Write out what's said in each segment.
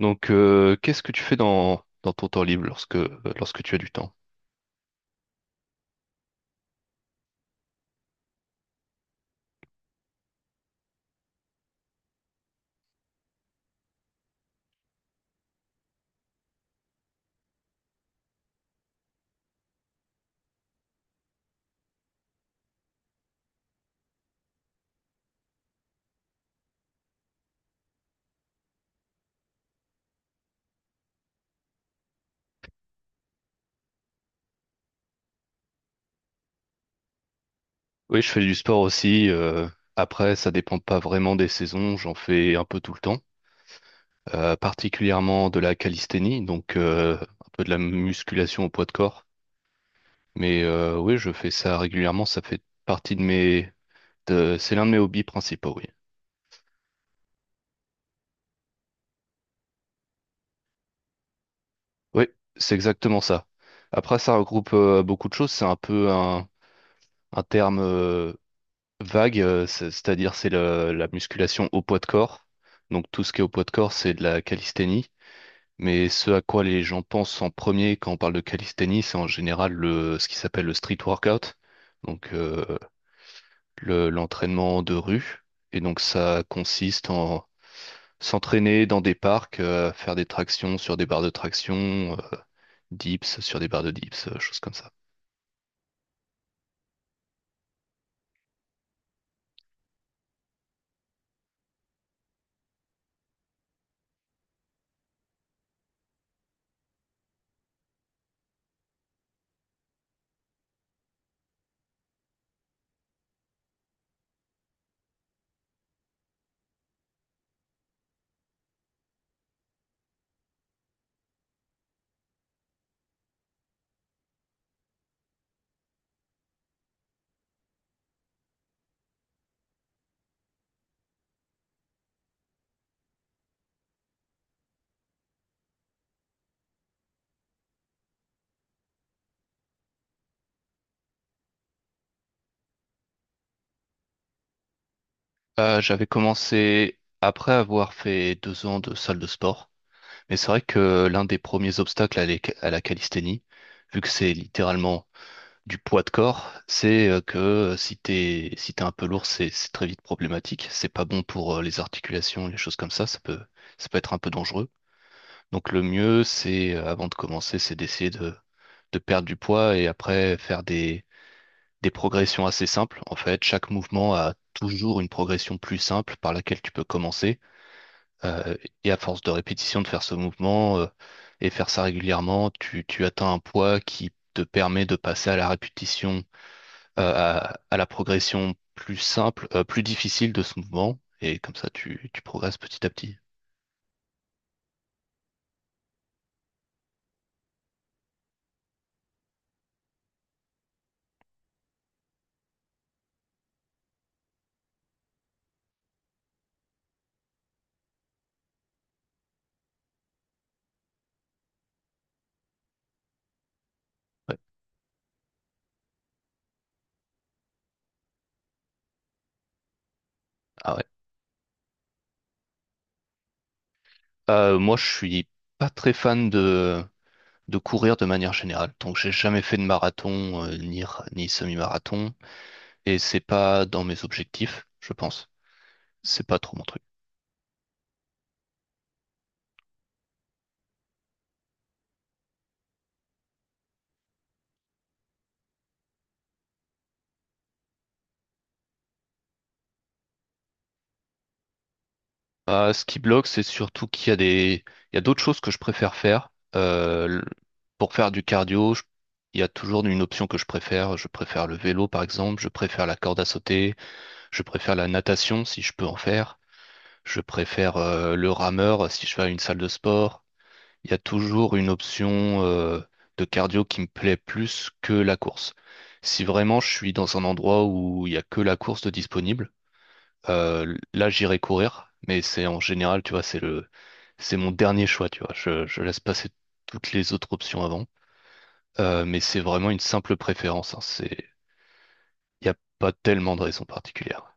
Donc, qu'est-ce que tu fais dans ton temps libre lorsque, lorsque tu as du temps? Oui, je fais du sport aussi. Après, ça dépend pas vraiment des saisons. J'en fais un peu tout le temps, particulièrement de la calisthénie, donc un peu de la musculation au poids de corps. Mais oui, je fais ça régulièrement, ça fait partie de mes. C'est l'un de mes hobbies principaux, oui. Oui, c'est exactement ça. Après, ça regroupe beaucoup de choses, c'est un peu un terme vague, c'est-à-dire c'est la musculation au poids de corps. Donc tout ce qui est au poids de corps, c'est de la calisthénie. Mais ce à quoi les gens pensent en premier quand on parle de calisthénie, c'est en général ce qui s'appelle le street workout, donc l'entraînement de rue. Et donc ça consiste en s'entraîner dans des parcs, faire des tractions sur des barres de traction, dips sur des barres de dips, choses comme ça. J'avais commencé après avoir fait 2 ans de salle de sport, mais c'est vrai que l'un des premiers obstacles à la calisthénie, vu que c'est littéralement du poids de corps, c'est que si t'es un peu lourd, c'est très vite problématique. C'est pas bon pour les articulations, les choses comme ça. Ça peut être un peu dangereux. Donc le mieux, c'est avant de commencer, c'est d'essayer de perdre du poids et après faire des progressions assez simples. En fait, chaque mouvement a toujours une progression plus simple par laquelle tu peux commencer. Euh, et à force de répétition de faire ce mouvement et faire ça régulièrement, tu atteins un poids qui te permet de passer à la répétition à la progression plus simple, plus difficile de ce mouvement, et comme ça tu progresses petit à petit. Ouais. Ah ouais. Moi, je suis pas très fan de courir de manière générale. Donc j'ai jamais fait de marathon ni semi-marathon et c'est pas dans mes objectifs, je pense. C'est pas trop mon truc. Ah, ce qui bloque, c'est surtout qu'il y a des, il y a d'autres choses que je préfère faire. Euh, le- pour faire du cardio, il y a toujours une option que je préfère. Je préfère le vélo, par exemple. Je préfère la corde à sauter. Je préfère la natation si je peux en faire. Je préfère le rameur si je vais à une salle de sport. Il y a toujours une option de cardio qui me plaît plus que la course. Si vraiment je suis dans un endroit où il y a que la course de disponible, là j'irai courir, mais c'est en général, tu vois, c'est mon dernier choix, tu vois. Je laisse passer toutes les autres options avant. Mais c'est vraiment une simple préférence, hein. C'est Il n'y a pas tellement de raison particulière.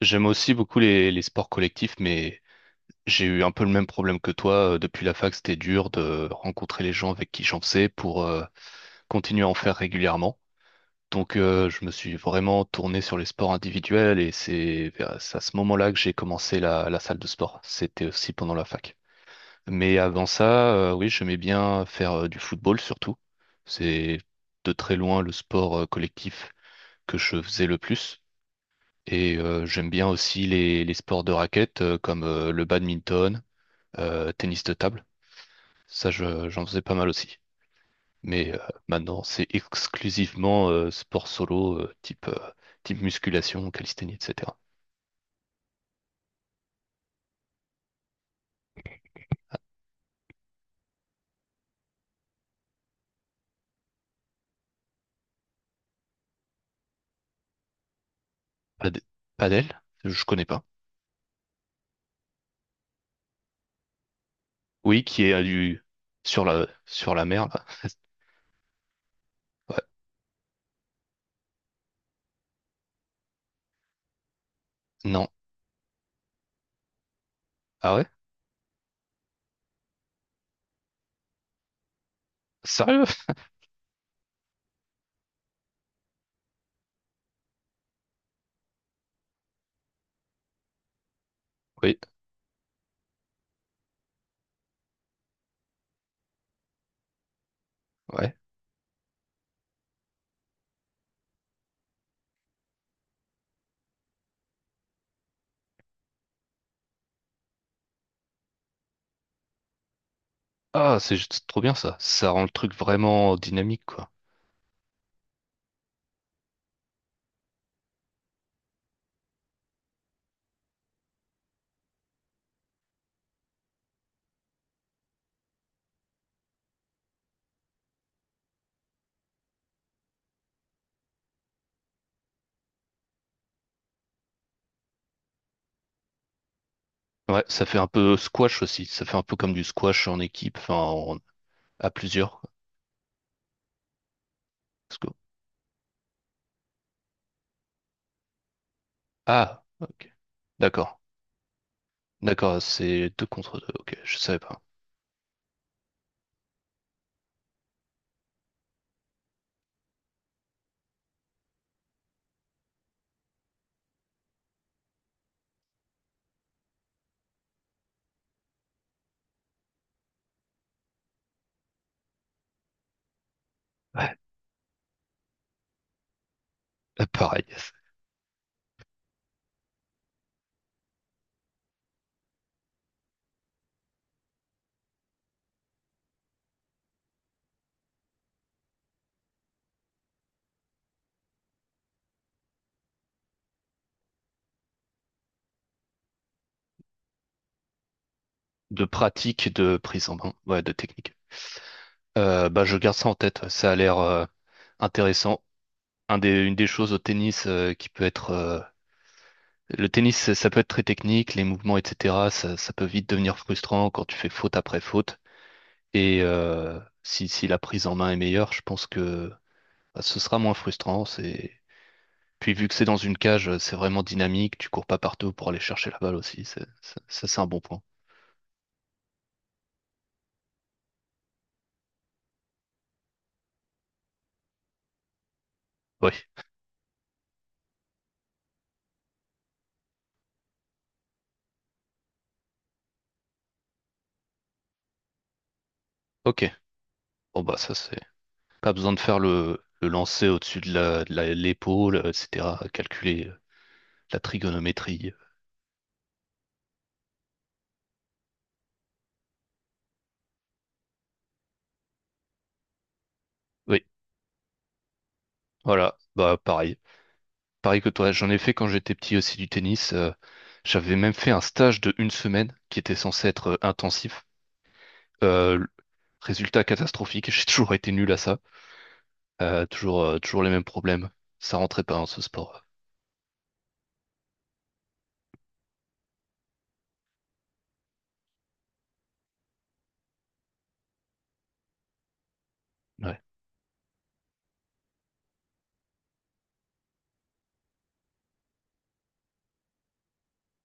J'aime aussi beaucoup les sports collectifs, mais j'ai eu un peu le même problème que toi. Depuis la fac, c'était dur de rencontrer les gens avec qui j'en faisais continue à en faire régulièrement. Donc, je me suis vraiment tourné sur les sports individuels et c'est à ce moment-là que j'ai commencé la salle de sport. C'était aussi pendant la fac. Mais avant ça, oui, j'aimais bien faire du football surtout. C'est de très loin le sport collectif que je faisais le plus. Et j'aime bien aussi les sports de raquettes comme le badminton, tennis de table. Ça, j'en faisais pas mal aussi. Mais maintenant, c'est exclusivement sport solo, type musculation, calisthénie, etc. Pad- Padel, je connais pas. Oui, qui est du sur la mer là. Ouais. Non. Ah ouais? Sérieux? Oui. Ouais. Ah, c'est juste trop bien ça. Ça rend le truc vraiment dynamique, quoi. Ouais, ça fait un peu squash aussi. Ça fait un peu comme du squash en équipe, enfin à plusieurs, quoi. Let's go. Ah, ok. D'accord. D'accord, c'est deux contre deux. Ok, je savais pas. Ouais, pareil. De pratique, de prise en main, ouais, de technique. Bah, je garde ça en tête. Ça a l'air intéressant. Une des choses au tennis qui peut être. Le tennis, ça peut être très technique, les mouvements, etc. Ça peut vite devenir frustrant quand tu fais faute après faute. Et si la prise en main est meilleure, je pense que bah, ce sera moins frustrant. C'est... Puis vu que c'est dans une cage, c'est vraiment dynamique. Tu cours pas partout pour aller chercher la balle aussi. C'est un bon point. Oui, ok. Bon, bah, ça, c'est. Pas besoin de faire le lancer au-dessus de l'épaule, etc. Calculer la trigonométrie. Oui, voilà, bah pareil. Pareil que toi, j'en ai fait quand j'étais petit aussi du tennis. J'avais même fait un stage de une semaine qui était censé être intensif. Euh, Résultat catastrophique, j'ai toujours été nul à ça. Toujours les mêmes problèmes. Ça rentrait pas dans ce sport. Ouais.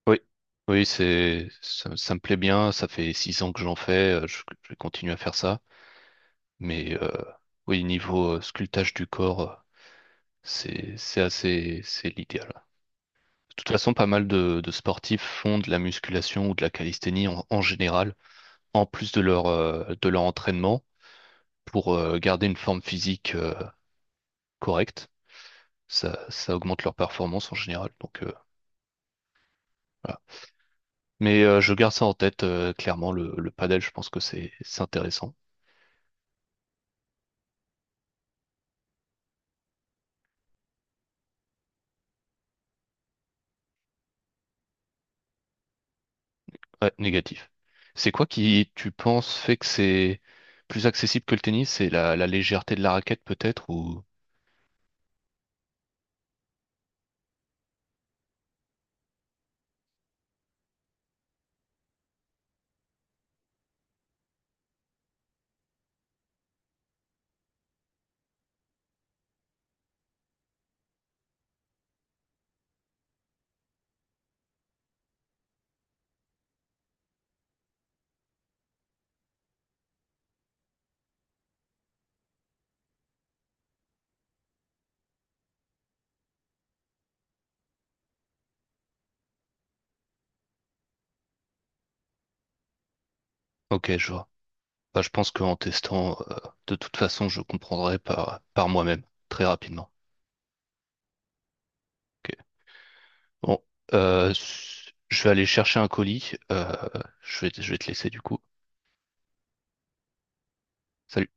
Oui, oui, ça me plaît bien. Ça fait 6 ans que j'en fais. Je continue à faire ça. Mais oui, niveau sculptage du corps, c'est l'idéal. De toute façon, pas mal de sportifs font de la musculation ou de la calisthénie en général. En plus de de leur entraînement pour garder une forme physique correcte. Ça augmente leur performance en général. Donc, voilà. Mais je garde ça en tête, clairement, le padel, je pense que c'est intéressant. Ouais, négatif. C'est quoi qui, tu penses, fait que c'est plus accessible que le tennis? C'est la légèreté de la raquette peut-être ou... Ok, je vois. Bah, je pense qu'en testant, de toute façon, je comprendrai par moi-même, très rapidement. Ok. Bon, je vais aller chercher un colis. Je vais te laisser du coup. Salut.